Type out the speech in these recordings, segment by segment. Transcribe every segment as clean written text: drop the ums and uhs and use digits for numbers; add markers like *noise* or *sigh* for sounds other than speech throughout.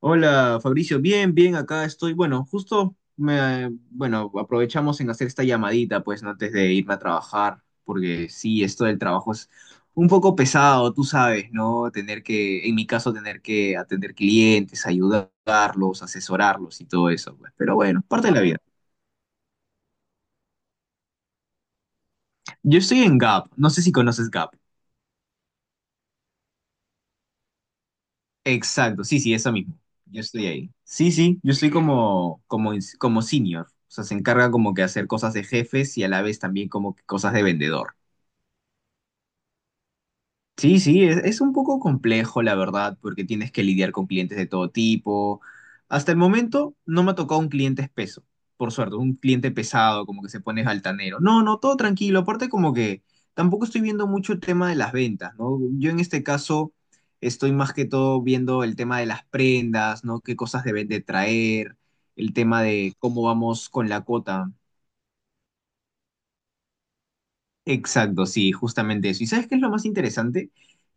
Hola Fabricio, bien, bien, acá estoy. Bueno, justo me, bueno, aprovechamos en hacer esta llamadita, pues, ¿no? Antes de irme a trabajar, porque sí, esto del trabajo es un poco pesado, tú sabes, ¿no? Tener que, en mi caso, tener que atender clientes, ayudarlos, asesorarlos y todo eso, pues. Pero bueno, parte de la vida. Yo estoy en Gap, no sé si conoces Gap. Exacto, sí, sí, eso mismo. Yo estoy ahí. Sí, sí, yo estoy como senior. O sea, se encarga como que hacer cosas de jefes y a la vez también como que cosas de vendedor. Sí, sí, es un poco complejo, la verdad, porque tienes que lidiar con clientes de todo tipo. Hasta el momento no me ha tocado un cliente espeso, por suerte, un cliente pesado, como que se pone altanero. No, no, todo tranquilo. Aparte, como que tampoco estoy viendo mucho el tema de las ventas, ¿no? Yo en este caso estoy más que todo viendo el tema de las prendas, ¿no? Qué cosas deben de traer, el tema de cómo vamos con la cuota. Exacto, sí, justamente eso. ¿Y sabes qué es lo más interesante?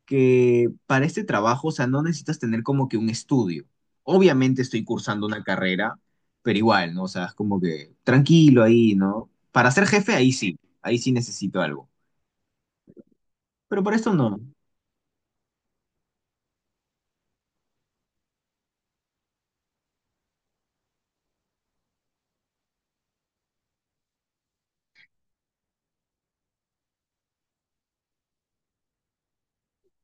Que para este trabajo, o sea, no necesitas tener como que un estudio. Obviamente estoy cursando una carrera, pero igual, ¿no? O sea, es como que tranquilo ahí, ¿no? Para ser jefe, ahí sí necesito algo. Pero para esto no.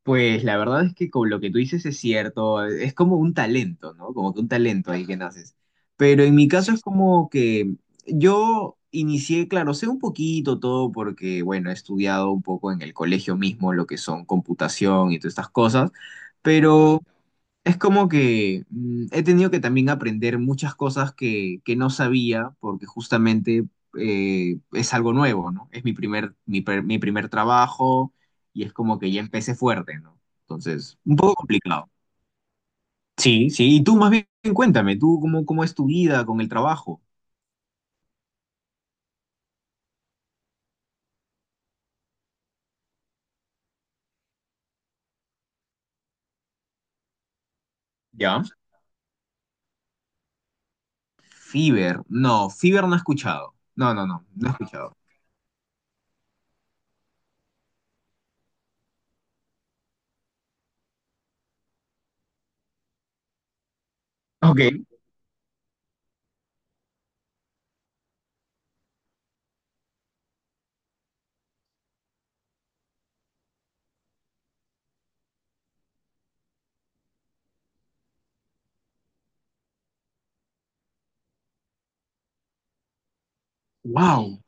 Pues la verdad es que con lo que tú dices es cierto, es como un talento, ¿no? Como que un talento ahí que naces. Pero en mi caso es como que yo inicié, claro, sé un poquito todo porque, bueno, he estudiado un poco en el colegio mismo lo que son computación y todas estas cosas, Ujú. Pero es como que he tenido que también aprender muchas cosas que no sabía porque justamente es algo nuevo, ¿no? Es mi primer, mi, per- mi primer trabajo y es como que ya empecé fuerte, ¿no? Entonces, un poco complicado. Sí, sí. Y tú más bien cuéntame, tú cómo, cómo es tu vida con el trabajo, ¿ya? Fiverr no he escuchado. No, no, no, no he escuchado. Ok, wow.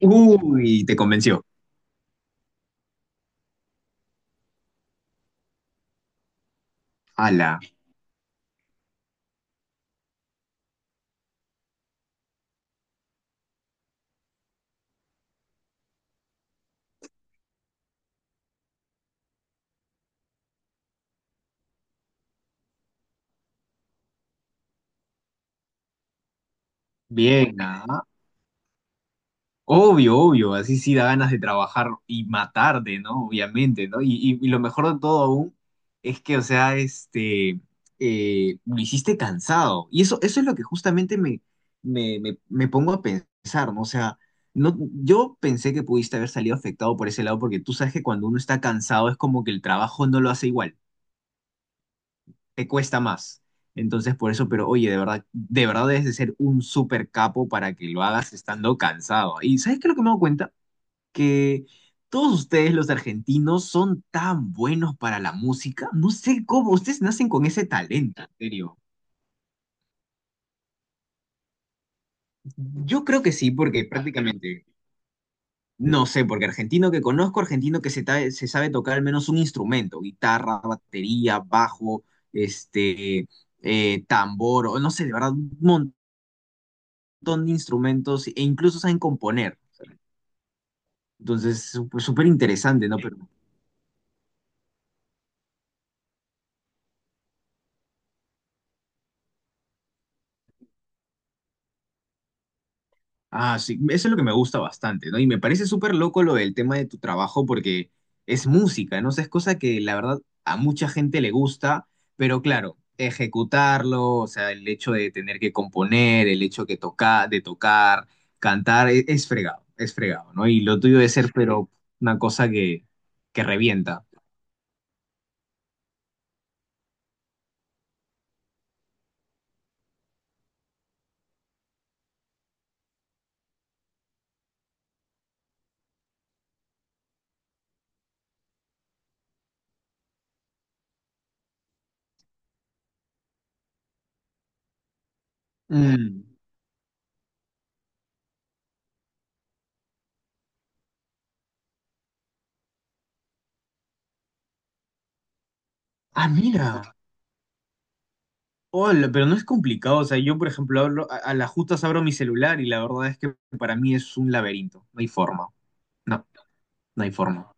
Uy, te convenció. Ala, bien, ah. Obvio, obvio, así sí da ganas de trabajar y matarte, ¿no? Obviamente, ¿no? Y, y lo mejor de todo aún es que, o sea, este, lo hiciste cansado. Y eso es lo que justamente me pongo a pensar, ¿no? O sea, no, yo pensé que pudiste haber salido afectado por ese lado porque tú sabes que cuando uno está cansado es como que el trabajo no lo hace igual, te cuesta más. Entonces, por eso, pero oye, de verdad debes de ser un súper capo para que lo hagas estando cansado. ¿Y sabes qué es lo que me doy cuenta? Que todos ustedes, los argentinos, son tan buenos para la música. No sé cómo, ustedes nacen con ese talento, en serio. Yo creo que sí, porque prácticamente, no sé, porque argentino que conozco, argentino se sabe tocar al menos un instrumento, guitarra, batería, bajo, este, tambor, o no sé, de verdad, un montón de instrumentos e incluso saben componer. Entonces, súper súper interesante, ¿no? Pero ah, sí, eso es lo que me gusta bastante, ¿no? Y me parece súper loco lo del tema de tu trabajo porque es música, ¿no? O sea, es cosa que la verdad a mucha gente le gusta, pero claro, ejecutarlo, o sea, el hecho de tener que componer, el hecho de tocar, cantar, es fregado, ¿no? Y lo tuyo de ser, pero una cosa que revienta. Mm. Ah, mira. Hola, pero no es complicado. O sea, yo, por ejemplo, hablo, a las justas abro mi celular y la verdad es que para mí es un laberinto. No hay forma. No, no hay forma.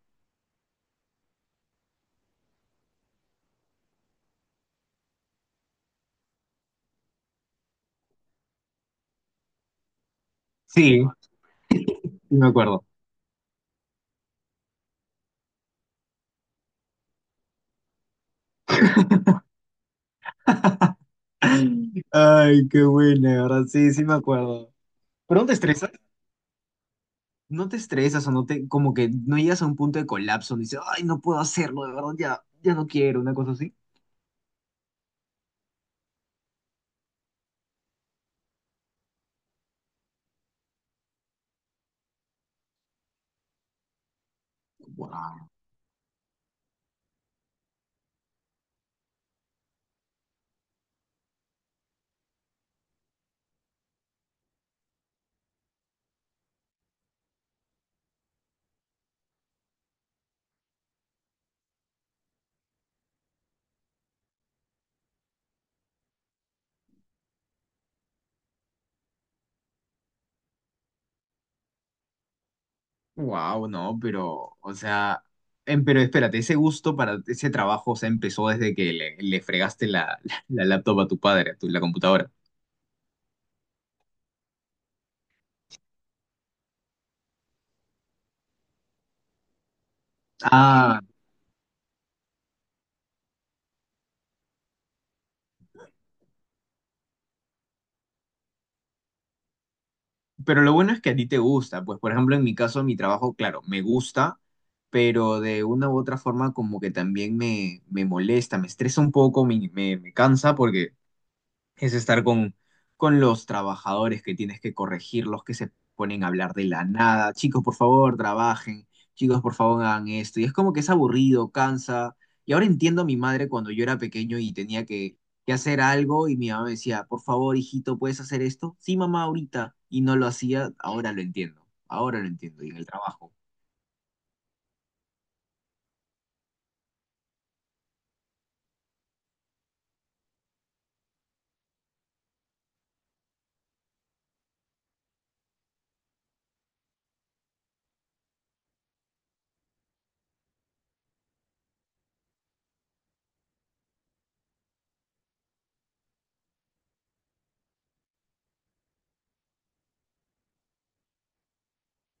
Sí, sí me acuerdo. *laughs* Ay, qué buena, ¿verdad? Sí, sí me acuerdo. Pero no te estresas, no te estresas o no te, como que no llegas a un punto de colapso, y dices, ay, no puedo hacerlo, de verdad, ya, ya no quiero, una cosa así. Wow, wow, no, pero, o sea, pero espérate, ese gusto para ese trabajo, o sea, empezó desde que le fregaste la laptop a tu padre, a tu, la computadora. Ah, pero lo bueno es que a ti te gusta, pues por ejemplo en mi caso mi trabajo, claro, me gusta, pero de una u otra forma como que también me molesta, me estresa un poco, me cansa porque es estar con los trabajadores que tienes que corregir, los que se ponen a hablar de la nada. Chicos, por favor, trabajen. Chicos, por favor, hagan esto. Y es como que es aburrido, cansa. Y ahora entiendo a mi madre cuando yo era pequeño y tenía que hacer algo y mi mamá me decía, por favor, hijito, ¿puedes hacer esto? Sí, mamá, ahorita. Y no lo hacía, ahora lo entiendo. Ahora lo entiendo. Y en el trabajo.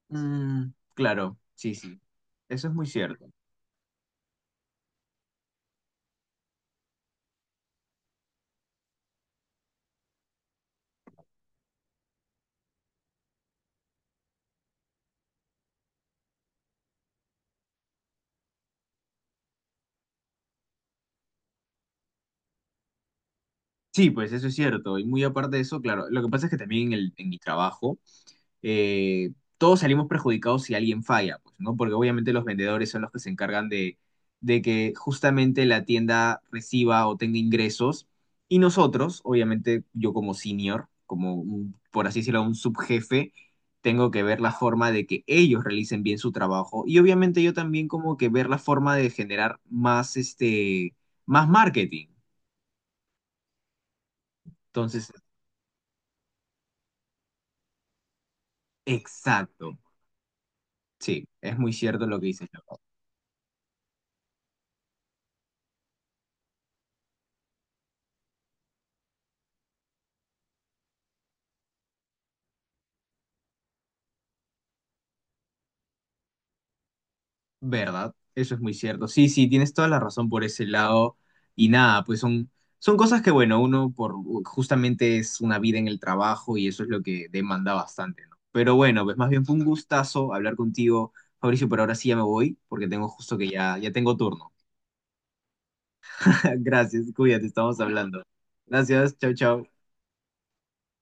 Mm, claro, sí, sí. Eso es muy cierto. Sí, pues eso es cierto. Y muy aparte de eso, claro, lo que pasa es que también en mi trabajo, eh, todos salimos perjudicados si alguien falla, pues, ¿no? Porque obviamente los vendedores son los que se encargan de que justamente la tienda reciba o tenga ingresos. Y nosotros, obviamente, yo como senior, por así decirlo, un subjefe, tengo que ver la forma de que ellos realicen bien su trabajo. Y obviamente yo también como que ver la forma de generar más, este, más marketing. Entonces, exacto. Sí, es muy cierto lo que dices. ¿Verdad? Eso es muy cierto. Sí, sí, tienes toda la razón por ese lado. Y nada, pues son, son cosas que, bueno, uno por justamente es una vida en el trabajo y eso es lo que demanda bastante, ¿no? Pero bueno, pues más bien fue un gustazo hablar contigo, Fabricio, pero ahora sí ya me voy porque tengo justo que ya, ya tengo turno. *laughs* Gracias, cuídate, estamos hablando. Gracias, chau, chau.